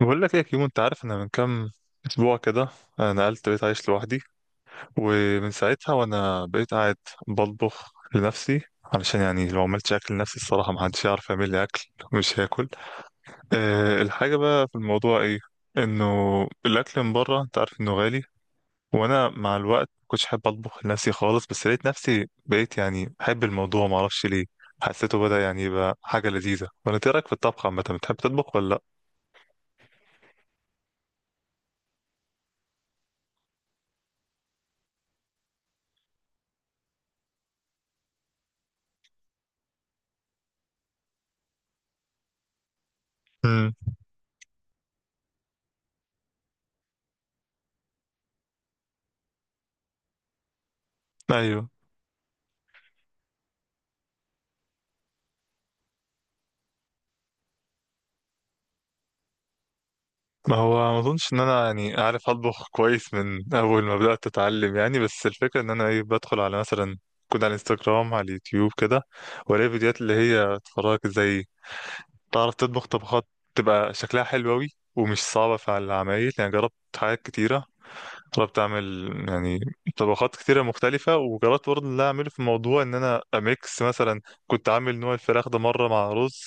بقول لك ايه يا كيمو، انت عارف انا من كام اسبوع كده، نقلت بقيت عايش لوحدي. ومن ساعتها وانا بقيت قاعد بطبخ لنفسي، علشان يعني لو عملتش اكل لنفسي الصراحه ما حدش يعرف يعمل لي اكل مش هاكل. الحاجه بقى في الموضوع ايه؟ انه الاكل من بره انت عارف انه غالي. وانا مع الوقت ما كنتش حابب اطبخ لنفسي خالص، بس لقيت نفسي بقيت يعني بحب الموضوع ما اعرفش ليه. حسيته بدأ يعني يبقى حاجه لذيذه. ولا إنت إيه رايك في الطبخ عامه؟ بتحب تطبخ ولا لا؟ امم ما هو ما اظنش ان انا يعني عارف اطبخ كويس من اول ما بدات اتعلم يعني، بس الفكره ان انا ايه، بدخل على مثلا كود على الانستجرام على اليوتيوب كده، والاقي فيديوهات اللي هي تفرجك ازاي تعرف تطبخ طبخات تبقى شكلها حلو قوي ومش صعبه في العمايل. يعني جربت حاجات كتيره، طلبت اعمل يعني طبخات كتيرة مختلفة، وجربت برضه اللي اعمله في موضوع ان انا اميكس. مثلا كنت عامل نوع الفراخ ده مرة مع رز،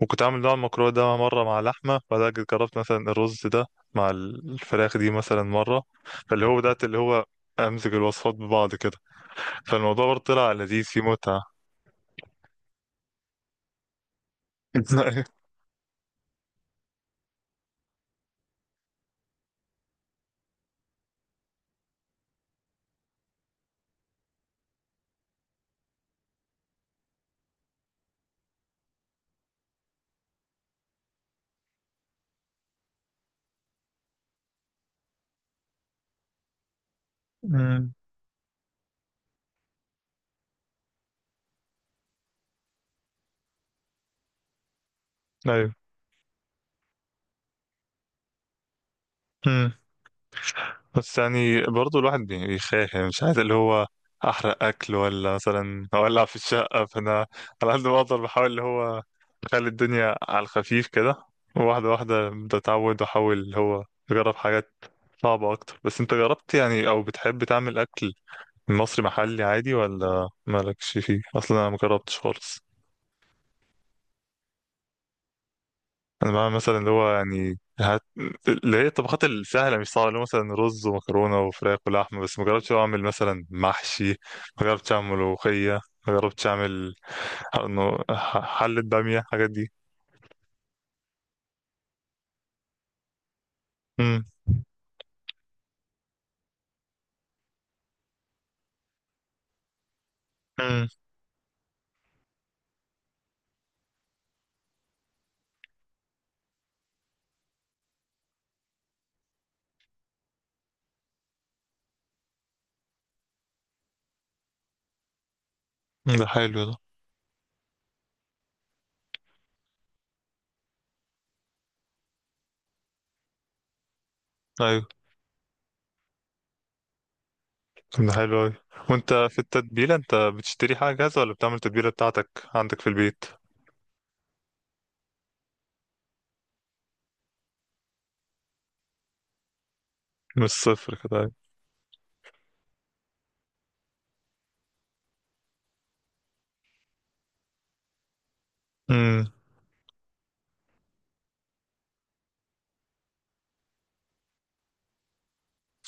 وكنت عامل نوع المكرونة ده مرة مع لحمة، بعدها جيت جربت مثلا الرز ده مع الفراخ دي مثلا مرة. فاللي هو بدأت اللي هو امزج الوصفات ببعض كده. فالموضوع برضه طلع لذيذ فيه متعة. ايوه أمم. ايوه، بس يعني برضو الواحد بيخاف، يعني مش عايز اللي هو احرق اكل ولا مثلا اولع في الشقه. فانا على قد ما اقدر بحاول اللي هو اخلي الدنيا على الخفيف كده، واحده واحده ببدا اتعود واحاول اللي هو اجرب حاجات صعبه اكتر. بس انت جربت يعني او بتحب تعمل اكل مصري محلي عادي ولا مالكش فيه اصلا؟ انا مجربتش خالص. انا بقى مثلا اللي هو يعني اللي هي الطبخات السهله مش صعبه، اللي هو مثلا رز ومكرونه وفراخ ولحمه، بس ما جربتش أوي اعمل مثلا محشي، ما جربتش اعمل ملوخيه، ما جربتش اعمل حله باميه، الحاجات دي. امم. امم. ده حلو ده. ايوه، ده حلو اوي. وانت في التتبيله، انت بتشتري حاجه جاهزه ولا بتعمل التتبيله بتاعتك عندك في البيت؟ من الصفر كده أيوة. امم.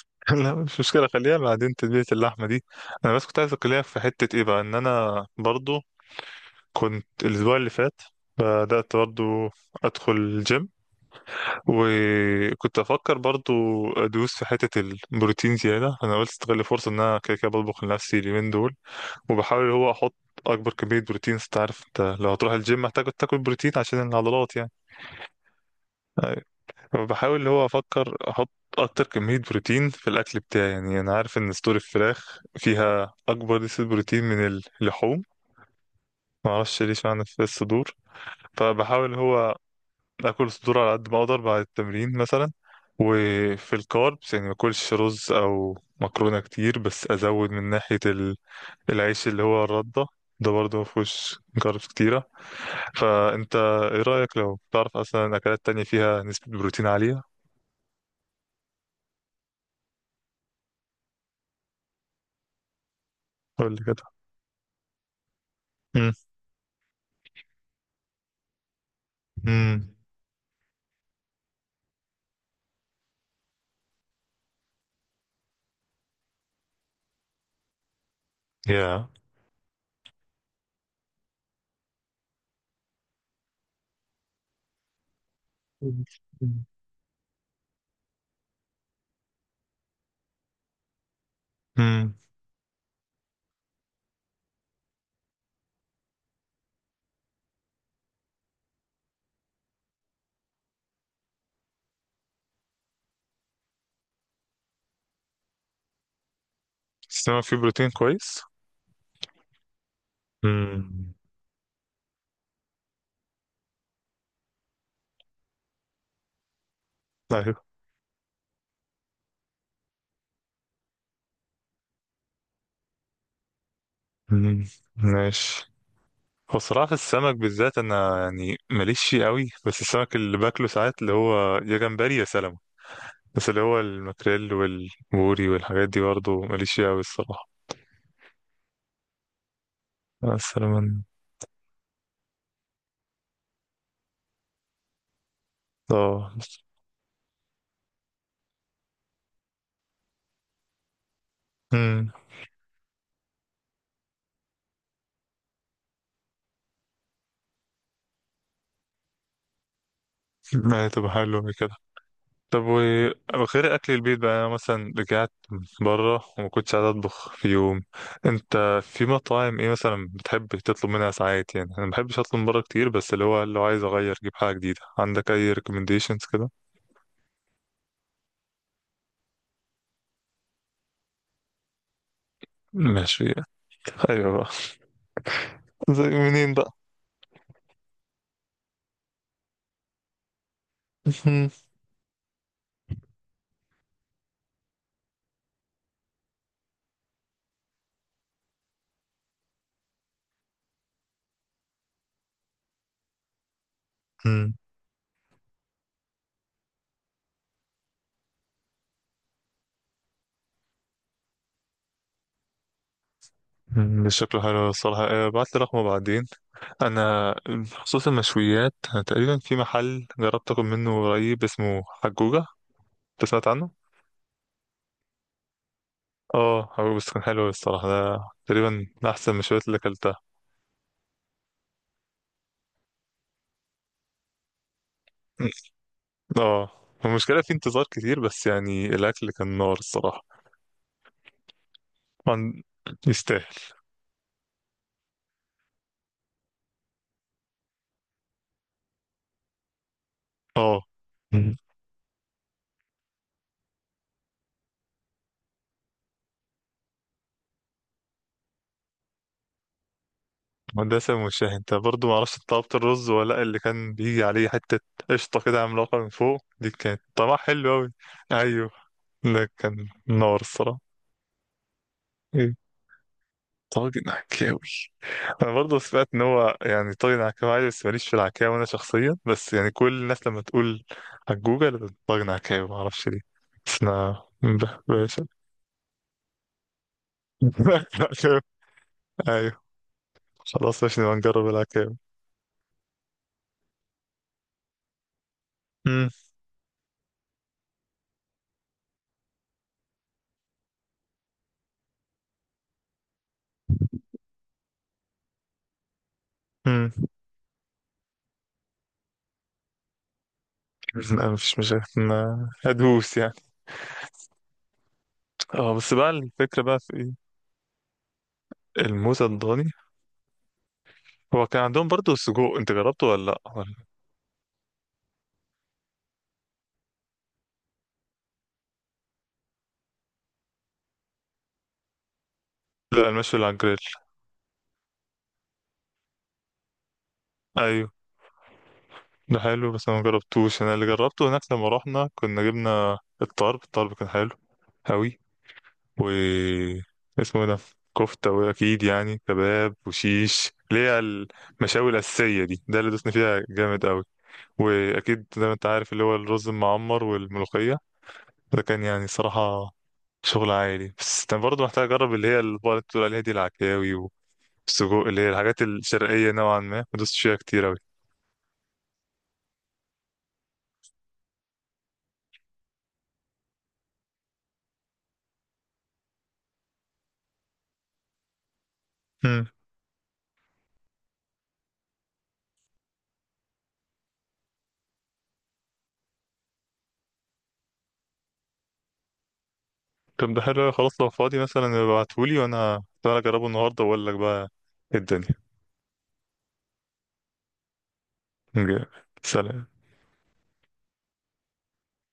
لا مش مشكلة، خليها بعدين تتبيلة اللحمة دي. أنا بس كنت عايز أكلمك في حتة إيه بقى. إن أنا برضو كنت الأسبوع اللي فات بدأت برضو أدخل الجيم، وكنت أفكر برضو أدوس في حتة البروتين زيادة. أنا قلت استغل الفرصة إن أنا كده كده بطبخ لنفسي اليومين دول، وبحاول اللي هو أحط أكبر كمية بروتين. أنت عارف أنت لو هتروح الجيم محتاج تاكل بروتين عشان العضلات يعني. أيوة. فبحاول اللي هو أفكر أحط أكتر كمية بروتين في الأكل بتاعي، يعني أنا عارف إن صدور الفراخ فيها أكبر نسبة بروتين من اللحوم. معرفش ليش معنى في الصدور. فبحاول هو باكل صدور على قد ما اقدر بعد التمرين مثلا. وفي الكاربس يعني ما اكلش رز او مكرونه كتير، بس ازود من ناحيه العيش اللي هو الرده، ده برضه ما فيهوش كاربس كتيره. فانت ايه رايك لو تعرف اصلا اكلات تانية فيها نسبه بروتين عاليه؟ قول لي كده. امم. امم. يا. امم. السمك فيه بروتين كويس. امم. ايوه. امم. ماشي. هو الصراحة في السمك بالذات أنا يعني ماليش فيه قوي، بس السمك اللي باكله ساعات اللي هو يا جمبري يا سلمون، بس اللي هو الماكريل والبوري والحاجات دي برضه ماليش فيه قوي الصراحة. آه، السلمون. اه امم ما هي تبقى حلوة كده. طب وغير أكل البيت بقى، أنا مثلا رجعت بره وما كنتش قاعد أطبخ في يوم. أنت في مطاعم إيه مثلا بتحب تطلب منها ساعات؟ يعني أنا ما بحبش أطلب من بره كتير، بس اللي هو لو عايز أغير أجيب حاجة جديدة، عندك أي ريكومنديشنز كده؟ ماشي. ايوه بقى. زي منين بقى. مم. مم. مم. مش شكله حلو الصراحة. آه، بعت لي رقمه بعدين. أنا بخصوص المشويات، أنا تقريبا في محل جربت أكل منه قريب اسمه حجوجة. أنت سمعت عنه؟ اه هو بس كان حلو الصراحة ده، تقريبا من أحسن المشويات اللي أكلتها. مم. اه. المشكلة في انتظار كتير بس، يعني الأكل كان نار الصراحة. طبعاً يستاهل. اه مدرسة المشاهي. انت برضو معرفش انت طلبت الرز ولا لأ؟ اللي كان بيجي عليه حتة قشطة كده عملاقة من فوق دي كانت طعمها حلو أوي. أيوه، ده كان نار الصراحة. ايه؟ طاجن عكاوي. أنا برضو سمعت إن هو يعني طاجن عكاوي عادي، بس ماليش في العكاوي أنا شخصيا، بس يعني كل الناس لما تقول على جوجل بتقول طاجن عكاوي معرفش ليه، بس أنا باشا. العكاوي. أيوه، خلاص ماشي، نبقى نجرب العكاوي. امم. امم. لا مفيش مشاكل أنا هدوس يعني. اه بس بقى الفكرة بقى في ايه؟ الموزة الضاني. هو كان عندهم برضو السجق، انت جربته ولا لا لا، المشوي اللي على الجريل. ايوه، ده حلو بس انا ما جربتوش. انا اللي جربته هناك لما رحنا كنا جبنا الطرب كان حلو أوي. و اسمه إيه ده، كفتة وأكيد يعني كباب وشيش، اللي هي المشاوي الأساسية دي، ده اللي دوسنا فيها جامد أوي. وأكيد زي ما أنت عارف اللي هو الرز المعمر والملوخية. فكان يعني صراحة شغل عائلي. بس كان برضه محتاج أجرب اللي هي البقرة اللي بقولك بتقول عليها دي العكاوي، والسجق اللي هي الحاجات الشرقية نوعا ما دوست فيها كتير أوي. مم. طب ده حلو أوي، خلاص لو فاضي مثلا ابعتهولي، وأنا تعالى أجربه النهاردة وأقول لك بقى إيه الدنيا. جامد. سلام.